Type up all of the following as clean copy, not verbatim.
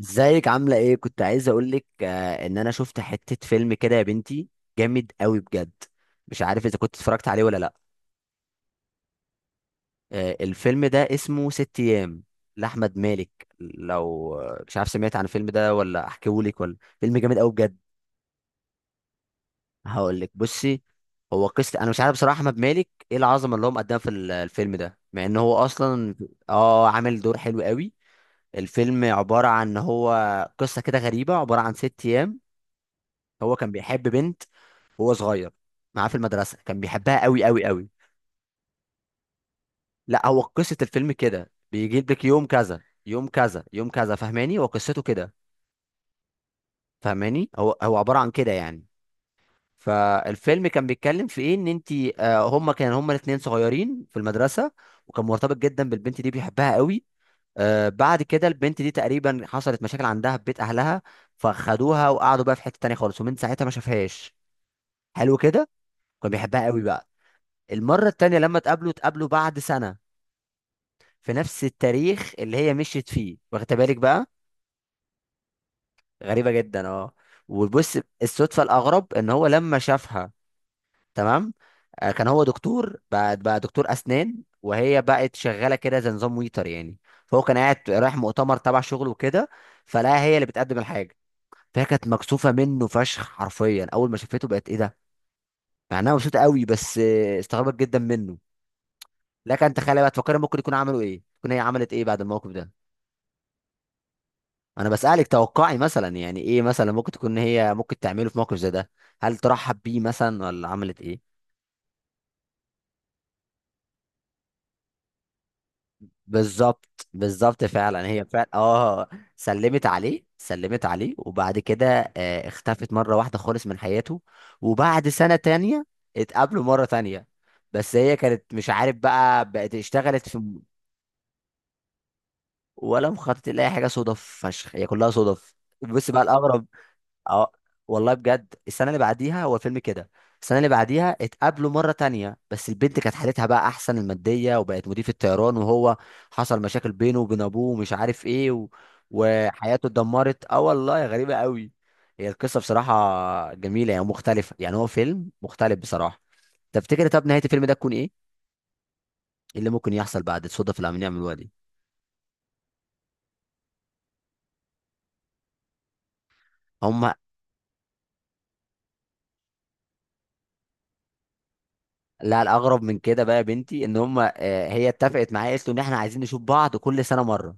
ازيك، عاملة ايه؟ كنت عايز اقولك ان انا شفت حتة فيلم كده يا بنتي. جامد قوي بجد. مش عارف اذا كنت اتفرجت عليه ولا لا. آه، الفيلم ده اسمه 6 ايام لاحمد مالك. لو مش عارف سمعت عن الفيلم ده ولا احكيهولك؟ ولا فيلم جامد قوي بجد. هقولك بصي. هو قصة، انا مش عارف بصراحة احمد مالك ايه العظمة اللي هو مقدمها في الفيلم ده، مع ان هو اصلا اه عامل دور حلو قوي. الفيلم عبارة عن ان هو قصة كده غريبة، عبارة عن 6 ايام. هو كان بيحب بنت وهو صغير معاه في المدرسة، كان بيحبها قوي قوي قوي. لا، هو قصة الفيلم كده بيجيب لك يوم كذا يوم كذا يوم كذا، فاهماني؟ هو قصته كده. فاهماني؟ هو هو عبارة عن كده يعني. فالفيلم كان بيتكلم في ايه؟ ان انت هما الاتنين صغيرين في المدرسة، وكان مرتبط جدا بالبنت دي بيحبها قوي. آه، بعد كده البنت دي تقريبا حصلت مشاكل عندها في بيت اهلها، فخدوها وقعدوا بقى في حتة تانية خالص، ومن ساعتها ما شافهاش. حلو كده. كان بيحبها قوي بقى. المرة التانية لما اتقابلوا، اتقابلوا بعد سنة في نفس التاريخ اللي هي مشيت فيه، واخد بالك بقى؟ غريبة جدا اه. وبص، الصدفة الأغرب إن هو لما شافها، تمام، كان هو دكتور بقى، دكتور أسنان، وهي بقت شغالة كده زي نظام ويتر يعني. فهو كان قاعد رايح مؤتمر تبع شغله وكده، فلاقيها هي اللي بتقدم الحاجة. فهي كانت مكسوفة منه فشخ، حرفيا أول ما شافته بقت إيه ده؟ مع إنها مبسوطة قوي، بس استغربت جدا منه. لكن تخيل بقى، تفكر ممكن يكون عملوا إيه، تكون هي عملت إيه بعد الموقف ده. انا بسألك توقعي مثلا يعني، ايه مثلا ممكن تكون هي ممكن تعمله في موقف زي ده؟ هل ترحب بيه مثلا ولا عملت ايه؟ بالظبط، بالظبط، فعلا هي فعلا اه. سلمت عليه، سلمت عليه، وبعد كده اختفت مرة واحدة خالص من حياته. وبعد سنة تانية اتقابلوا مرة تانية، بس هي كانت مش عارف بقى بقت اشتغلت في... ولا مخطط لأي حاجة، صدف فشخ، هي كلها صدف. بس بقى الأغرب، اه والله بجد، السنه اللي بعديها هو الفيلم كده. السنه اللي بعديها اتقابلوا مره تانية، بس البنت كانت حالتها بقى احسن الماديه، وبقت مضيف الطيران، وهو حصل مشاكل بينه وبين ابوه ومش عارف ايه و... وحياته اتدمرت اه والله، غريبه قوي. هي القصه بصراحه جميله يعني، مختلفه يعني، هو فيلم مختلف بصراحه. تفتكر طب نهايه الفيلم ده تكون ايه؟ إيه اللي ممكن يحصل بعد الصدف اللي عم يعملوها دي؟ هم. لا، الاغرب من كده بقى يا بنتي ان هم هي اتفقت معايا، قالت له ان احنا عايزين نشوف بعض كل سنه مره.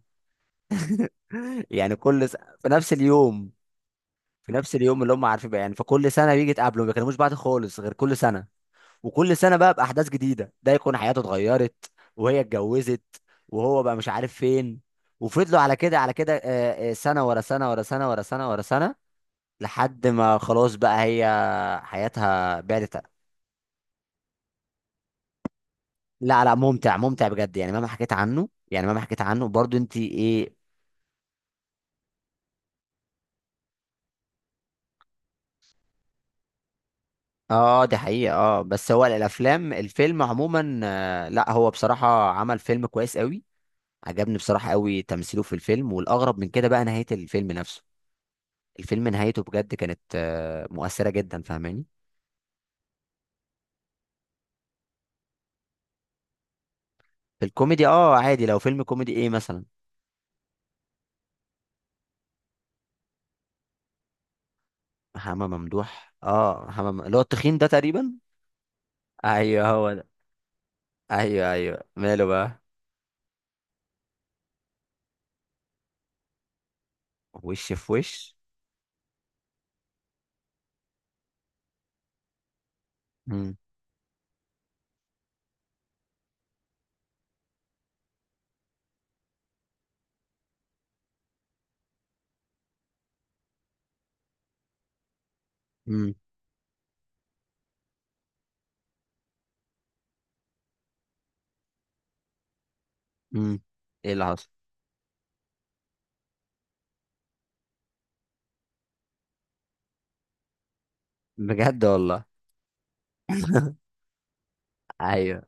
يعني كل س... في نفس اليوم. في نفس اليوم اللي هم عارفين بقى يعني. فكل سنه بيجي يتقابلوا، ما بيكلموش بعض خالص غير كل سنه. وكل سنه بقى باحداث جديده، ده يكون حياته اتغيرت وهي اتجوزت، وهو بقى مش عارف فين. وفضلوا على كده، على كده، سنه ورا سنه ورا سنه ورا سنه ورا سنه، لحد ما خلاص بقى هي حياتها بعدت. لا لا، ممتع ممتع بجد، يعني مهما حكيت عنه، يعني مهما حكيت عنه برضو انت ايه. اه دي حقيقة، اه، بس هو الافلام الفيلم عموما، لا هو بصراحة عمل فيلم كويس قوي. عجبني بصراحة قوي تمثيله في الفيلم، والاغرب من كده بقى نهاية الفيلم نفسه. الفيلم نهايته بجد كانت مؤثرة جدا، فاهماني؟ في الكوميدي اه عادي، لو فيلم كوميدي ايه مثلا؟ محمد ممدوح، اه، محمد اللي هو التخين ده تقريبا. ايوه هو ده. ايوه ايوه، ماله بقى؟ وش في وش. مم. مم. مم. ايه اللي حصل؟ بجد والله. ايوه.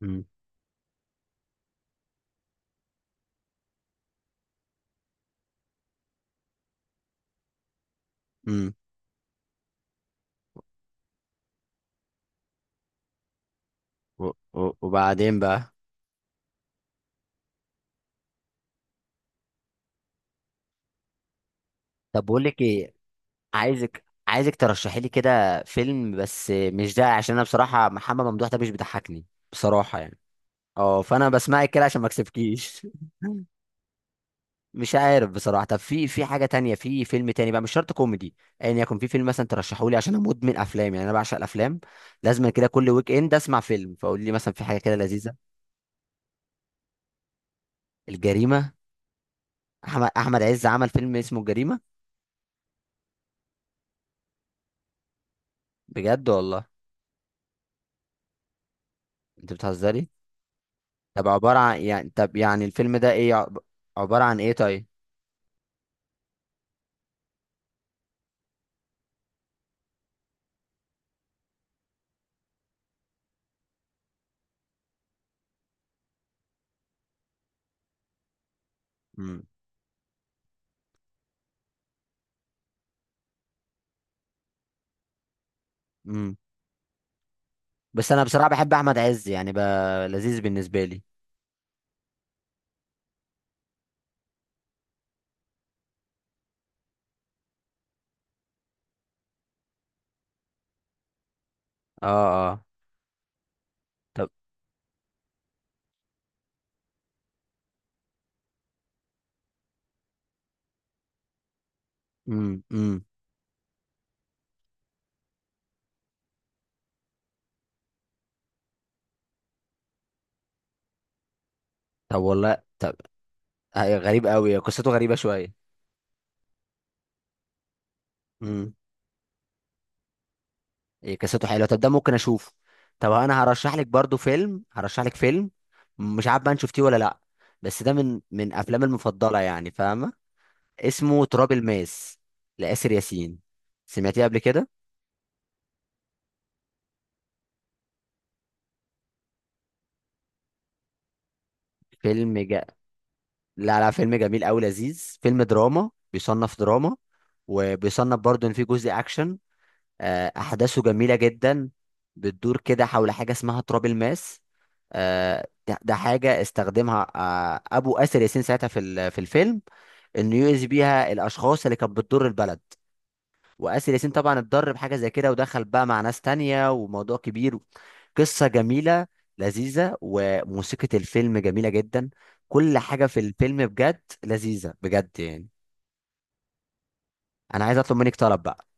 مم. مم. وبعدين بقى. طب بقول لك ايه، عايزك ترشحي لي كده فيلم بس مش ده، عشان انا بصراحه محمد ممدوح ده مش بيضحكني بصراحه يعني. اه، فانا بسمعك كده عشان ما اكسبكيش. مش عارف بصراحه. طب في حاجه تانية، في فيلم تاني بقى مش شرط كوميدي. ايا يعني يكن في فيلم مثلا ترشحوا لي، عشان انا مدمن افلام يعني، انا بعشق الافلام. لازم كده كل ويك اند اسمع فيلم. فقول لي مثلا في حاجه كده لذيذه. الجريمه؟ احمد عز عمل فيلم اسمه الجريمه؟ بجد والله؟ انت بتهزري. طب عبارة عن يعني، طب يعني الفيلم ده ايه عبارة عن ايه طيب؟ مم. امم. بس انا بصراحة بحب احمد عز، يعني بقى لذيذ بالنسبة لي. اه. اه. طب. امم. امم. طب والله. طب هي غريب قوي، قصته غريبة شوية. امم. إيه قصته حلوة، طب ده ممكن اشوفه. طب انا هرشح لك برضو فيلم، هرشح لك فيلم، مش عارف بقى انت شفتيه ولا لا. بس ده من افلامي المفضلة يعني، فاهمة؟ اسمه تراب الماس لآسر ياسين، سمعتيه قبل كده؟ فيلم جا... لا لا، فيلم جميل قوي لذيذ. فيلم دراما، بيصنف دراما، وبيصنف برضه ان في جزء اكشن. احداثه جميله جدا، بتدور كده حول حاجه اسمها تراب الماس. ده حاجه استخدمها ابو اسر ياسين ساعتها في في الفيلم، انه يؤذي بيها الاشخاص اللي كانت بتضر البلد. واسر ياسين طبعا اتضر بحاجه زي كده، ودخل بقى مع ناس تانية وموضوع كبير. قصة جميلة لذيذة، وموسيقى الفيلم جميلة جدا. كل حاجة في الفيلم بجد لذيذة بجد يعني. أنا عايز أطلب منك طلب بقى.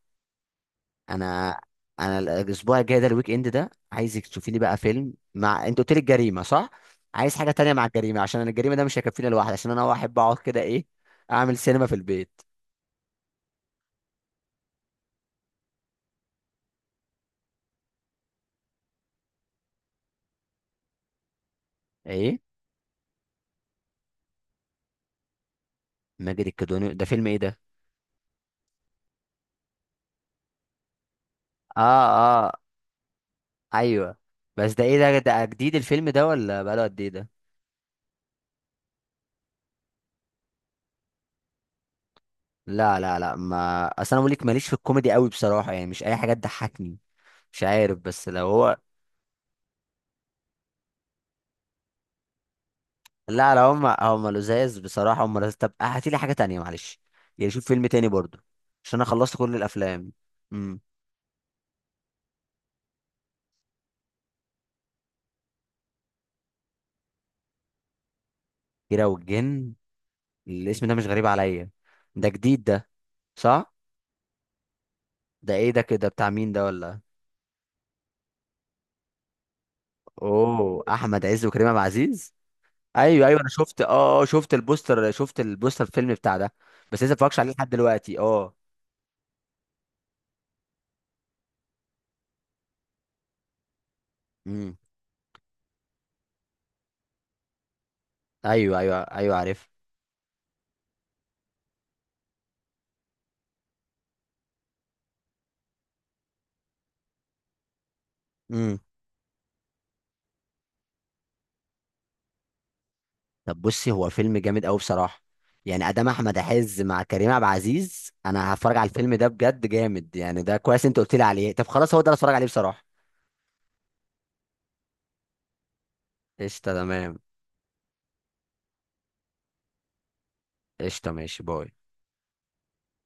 أنا أنا الأسبوع الجاي ده، الويك إند ده، عايزك تشوفي لي بقى فيلم، مع أنت قلت لي الجريمة، صح؟ عايز حاجة تانية مع الجريمة، عشان أنا الجريمة ده مش هيكفيني لوحدي، عشان أنا أحب أقعد كده إيه، أعمل سينما في البيت. إيه؟ ماجد الكدواني ده فيلم إيه ده؟ آه. آه. أيوه. بس ده إيه ده؟ ده جديد الفيلم ده ولا بقاله قد إيه ده؟ لا لا لا، ما اصل انا بقول لك ماليش في الكوميدي قوي بصراحه، يعني مش اي حاجه تضحكني. مش عارف، بس لو هو... لا لا، هم لزاز بصراحه، هم لزاز. طب هاتي لي حاجه تانية معلش، يعني شوف فيلم تاني برضو عشان انا خلصت كل الافلام. امم. كيرة والجن. الاسم ده مش غريب عليا. ده جديد ده، صح؟ ده ايه ده كده بتاع مين ده ولا؟ اوه، احمد عز وكريم عبد العزيز. ايوه ايوه، انا شفت اه، شفت البوستر، شفت البوستر الفيلم بتاع ده. بس لسه ما اتفرجتش عليه لحد دلوقتي اه. امم. ايوه ايوه ايوه عارف. امم. طب بصي هو فيلم جامد قوي بصراحه، يعني ادام احمد عز مع كريم عبد العزيز انا هتفرج على الفيلم ده بجد، جامد يعني. ده كويس انت قلت لي عليه، طب خلاص هو ده اللي اتفرج عليه بصراحه. قشطه تمام. قشطه، ماشي، باي.